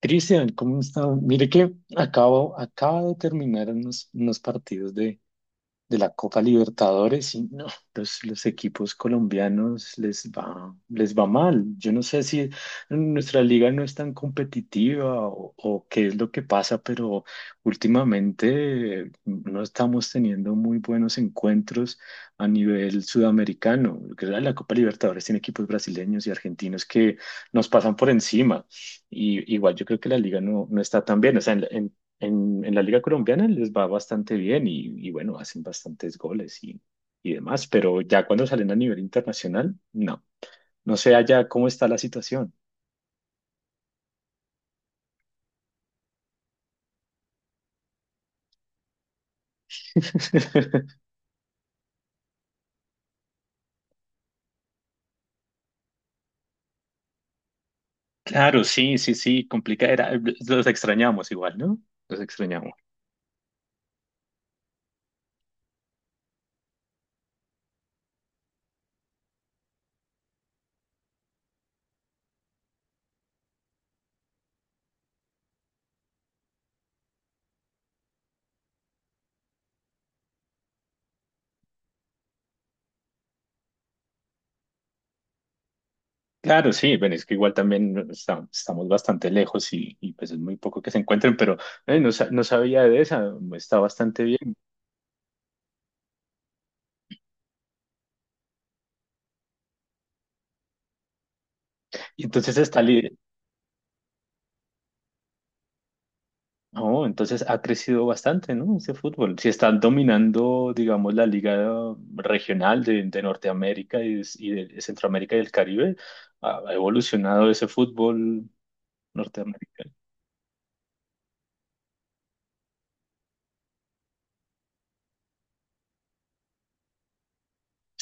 Cristian, ¿cómo está? Mire que acaba de terminar unos partidos de la Copa Libertadores y no, los equipos colombianos les va mal. Yo no sé si nuestra liga no es tan competitiva o qué es lo que pasa, pero últimamente no estamos teniendo muy buenos encuentros a nivel sudamericano. Lo que es La Copa Libertadores tiene equipos brasileños y argentinos que nos pasan por encima. Y igual yo creo que la liga no está tan bien. O sea, en la Liga Colombiana les va bastante bien y bueno, hacen bastantes goles y demás, pero ya cuando salen a nivel internacional, no. No sé allá cómo está la situación. Claro, sí, sí, sí, complicada era. Los extrañamos igual, ¿no? Los extrañamos. Claro, sí, bueno, es que igual también estamos bastante lejos y pues es muy poco que se encuentren, pero no, no sabía de esa, está bastante bien. Y entonces está, oh, entonces ha crecido bastante, ¿no? Ese fútbol. Si están dominando, digamos, la liga regional de Norteamérica y de Centroamérica y el Caribe, ha evolucionado ese fútbol norteamericano.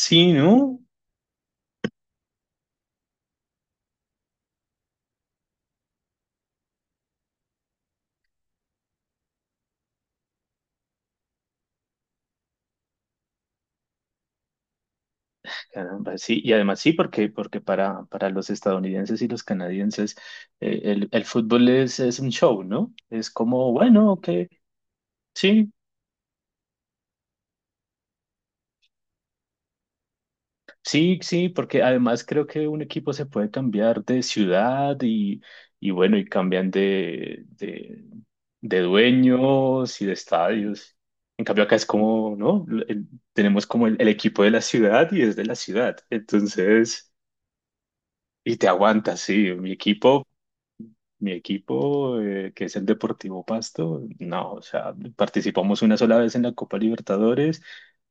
Sí, ¿no? Caramba, sí, y además sí, porque para los estadounidenses y los canadienses el fútbol es un show, ¿no? Es como, bueno, ok, sí, sí, sí, porque además creo que un equipo se puede cambiar de ciudad y bueno, y cambian de dueños y de estadios. En cambio acá es como, ¿no? El tenemos como el equipo de la ciudad y es de la ciudad. Entonces, y te aguantas, sí. Mi equipo, que es el Deportivo Pasto, no, o sea, participamos una sola vez en la Copa Libertadores,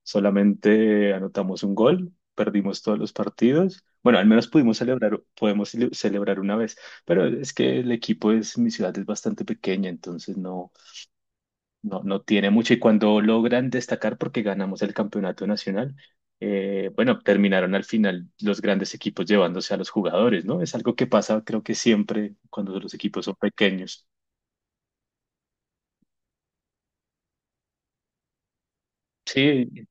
solamente anotamos un gol, perdimos todos los partidos. Bueno, al menos pudimos celebrar, podemos celebrar una vez, pero es que el equipo es, mi ciudad es bastante pequeña, entonces no, no, no tiene mucho y cuando logran destacar porque ganamos el campeonato nacional, bueno, terminaron al final los grandes equipos llevándose a los jugadores, ¿no? Es algo que pasa creo que siempre cuando los equipos son pequeños. Sí,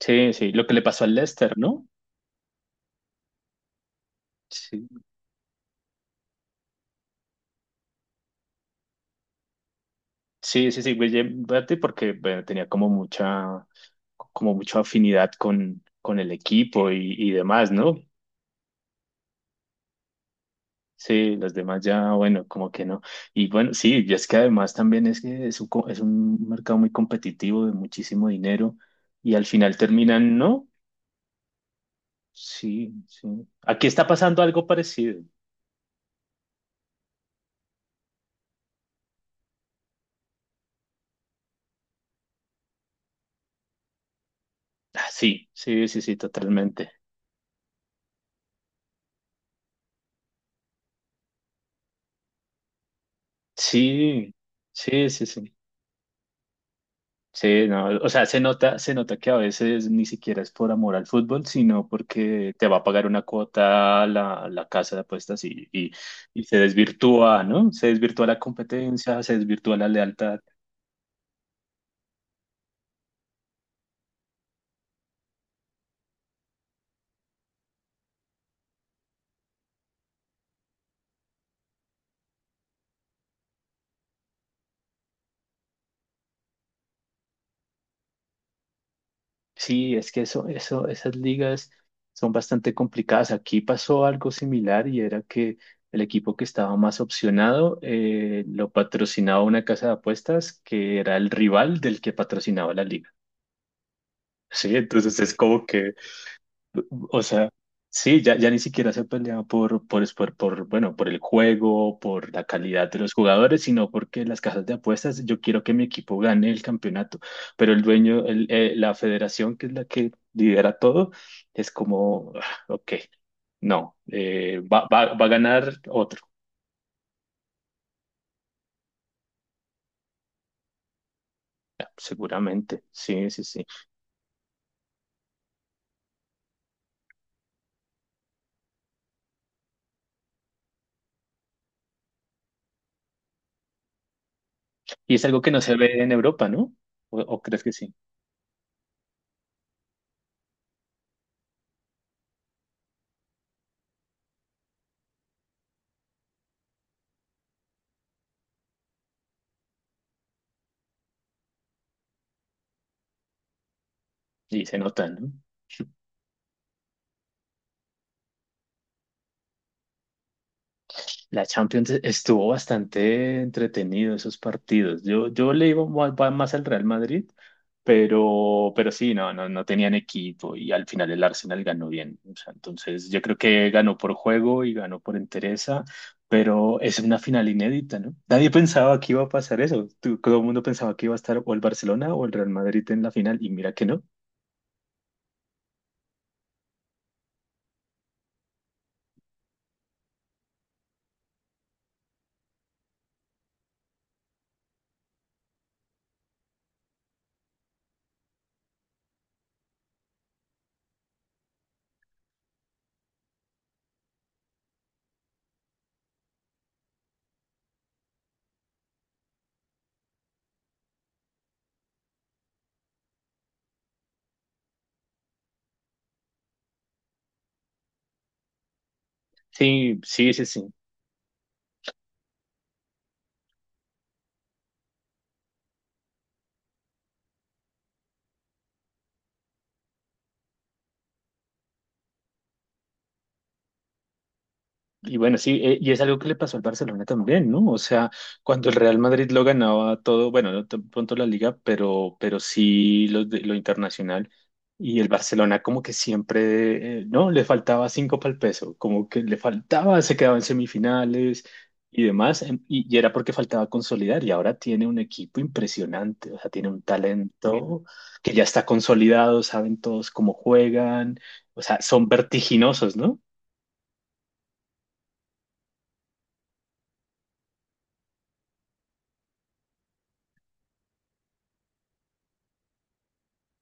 sí, sí, lo que le pasó al Leicester, ¿no? Sí, sí, sí, sí, William Berti porque bueno, tenía como mucha afinidad con el equipo y demás, ¿no? Sí, los demás ya, bueno, como que no. Y bueno, sí, y es que además también es que es un, es un mercado muy competitivo de muchísimo dinero y al final terminan, ¿no? Sí, sí. Aquí está pasando algo parecido. Ah, sí, sí, sí, sí, totalmente. Sí, sí, sí, sí. Sí, no, o sea, se nota que a veces ni siquiera es por amor al fútbol, sino porque te va a pagar una cuota la casa de apuestas y se desvirtúa, ¿no? Se desvirtúa la competencia, se desvirtúa la lealtad. Sí, es que eso, esas ligas son bastante complicadas. Aquí pasó algo similar y era que el equipo que estaba más opcionado lo patrocinaba una casa de apuestas que era el rival del que patrocinaba la liga. Sí, entonces es como que, o sea, sí, ya, ya ni siquiera se peleaba bueno, por el juego, por la calidad de los jugadores, sino porque las casas de apuestas, yo quiero que mi equipo gane el campeonato, pero el dueño, el, la federación, que es la que lidera todo, es como, "Ah, ok, no, va a ganar otro". Ah, seguramente, sí, sí, sí. Y es algo que no se ve en Europa, ¿no? O crees que sí? Y se nota, ¿no? La Champions estuvo bastante entretenido esos partidos. Yo le iba más al Real Madrid, pero sí, no, no, no tenían equipo y al final el Arsenal ganó bien. O sea, entonces yo creo que ganó por juego y ganó por entereza, pero es una final inédita, ¿no? Nadie pensaba que iba a pasar eso. Todo el mundo pensaba que iba a estar o el Barcelona o el Real Madrid en la final y mira que no. Sí, sí, sí, sí. Y bueno, sí, y es algo que le pasó al Barcelona también, ¿no? O sea, cuando el Real Madrid lo ganaba todo, bueno, no tan pronto la liga, pero sí lo, lo internacional. Y el Barcelona como que siempre, ¿no? Le faltaba cinco para el peso, como que le faltaba, se quedaba en semifinales y demás, y era porque faltaba consolidar. Y ahora tiene un equipo impresionante, o sea, tiene un talento que ya está consolidado, saben todos cómo juegan, o sea, son vertiginosos, ¿no?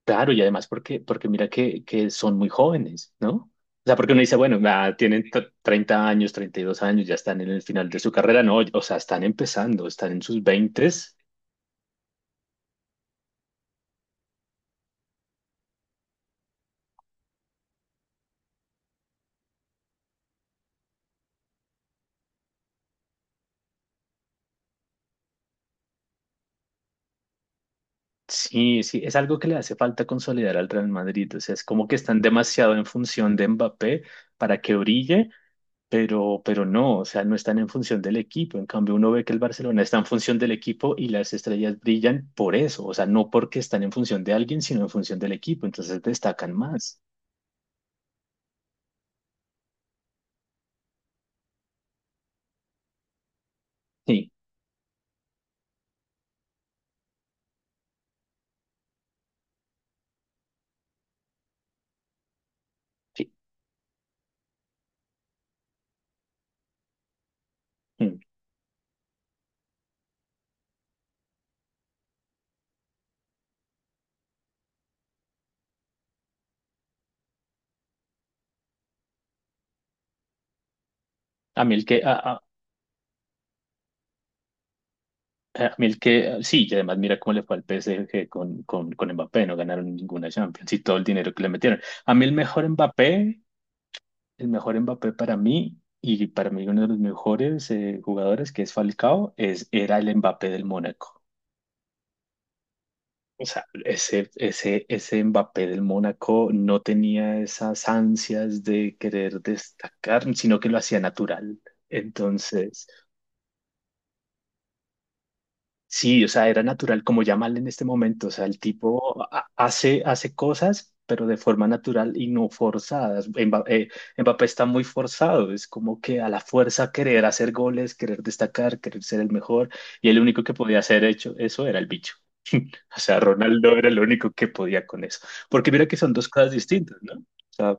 Claro, y además porque mira que son muy jóvenes, ¿no? O sea, porque uno dice, bueno, ah, tienen 30 años, 32 años, ya están en el final de su carrera, no, o sea, están empezando, están en sus veintes. Sí, sí, es algo que le hace falta consolidar al Real Madrid, o sea, es como que están demasiado en función de Mbappé para que brille, pero no, o sea, no están en función del equipo, en cambio uno ve que el Barcelona está en función del equipo y las estrellas brillan por eso, o sea, no porque están en función de alguien, sino en función del equipo, entonces destacan más. Sí, sí. Mm. A mí el que, a, a, a mí el que, sí, y además mira cómo le fue al PSG con Mbappé, no ganaron ninguna Champions y todo el dinero que le metieron. A mí el mejor Mbappé para mí, y para mí uno de los mejores jugadores que es Falcao, es, era el Mbappé del Mónaco. O sea, ese Mbappé del Mónaco no tenía esas ansias de querer destacar, sino que lo hacía natural. Entonces, sí, o sea, era natural, como ya mal en este momento, o sea, el tipo hace, hace cosas, pero de forma natural y no forzadas. Mbappé está muy forzado, es como que a la fuerza querer hacer goles, querer destacar, querer ser el mejor, y el único que podía hacer hecho, eso era el bicho. O sea, Ronaldo era el único que podía con eso. Porque mira que son dos cosas distintas, ¿no? O sea,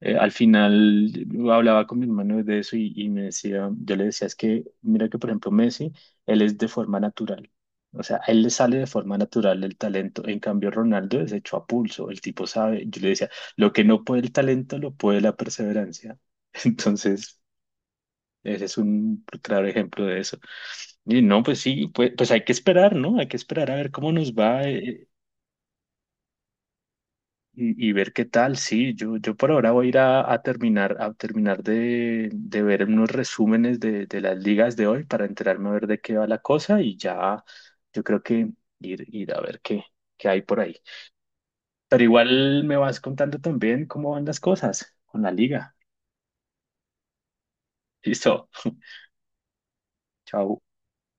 al final yo hablaba con mi hermano de eso y me decía, yo le decía, es que mira que por ejemplo Messi, él es de forma natural, o sea, a él le sale de forma natural el talento, en cambio Ronaldo es hecho a pulso, el tipo sabe, yo le decía, lo que no puede el talento lo puede la perseverancia, entonces ese es un claro ejemplo de eso. Y no, pues sí, pues, pues hay que esperar, ¿no? Hay que esperar a ver cómo nos va. Y ver qué tal, sí, yo por ahora voy a ir a terminar de ver unos resúmenes de las ligas de hoy para enterarme a ver de qué va la cosa y ya yo creo que ir a ver qué, qué hay por ahí. Pero igual me vas contando también cómo van las cosas con la liga. Listo, chao.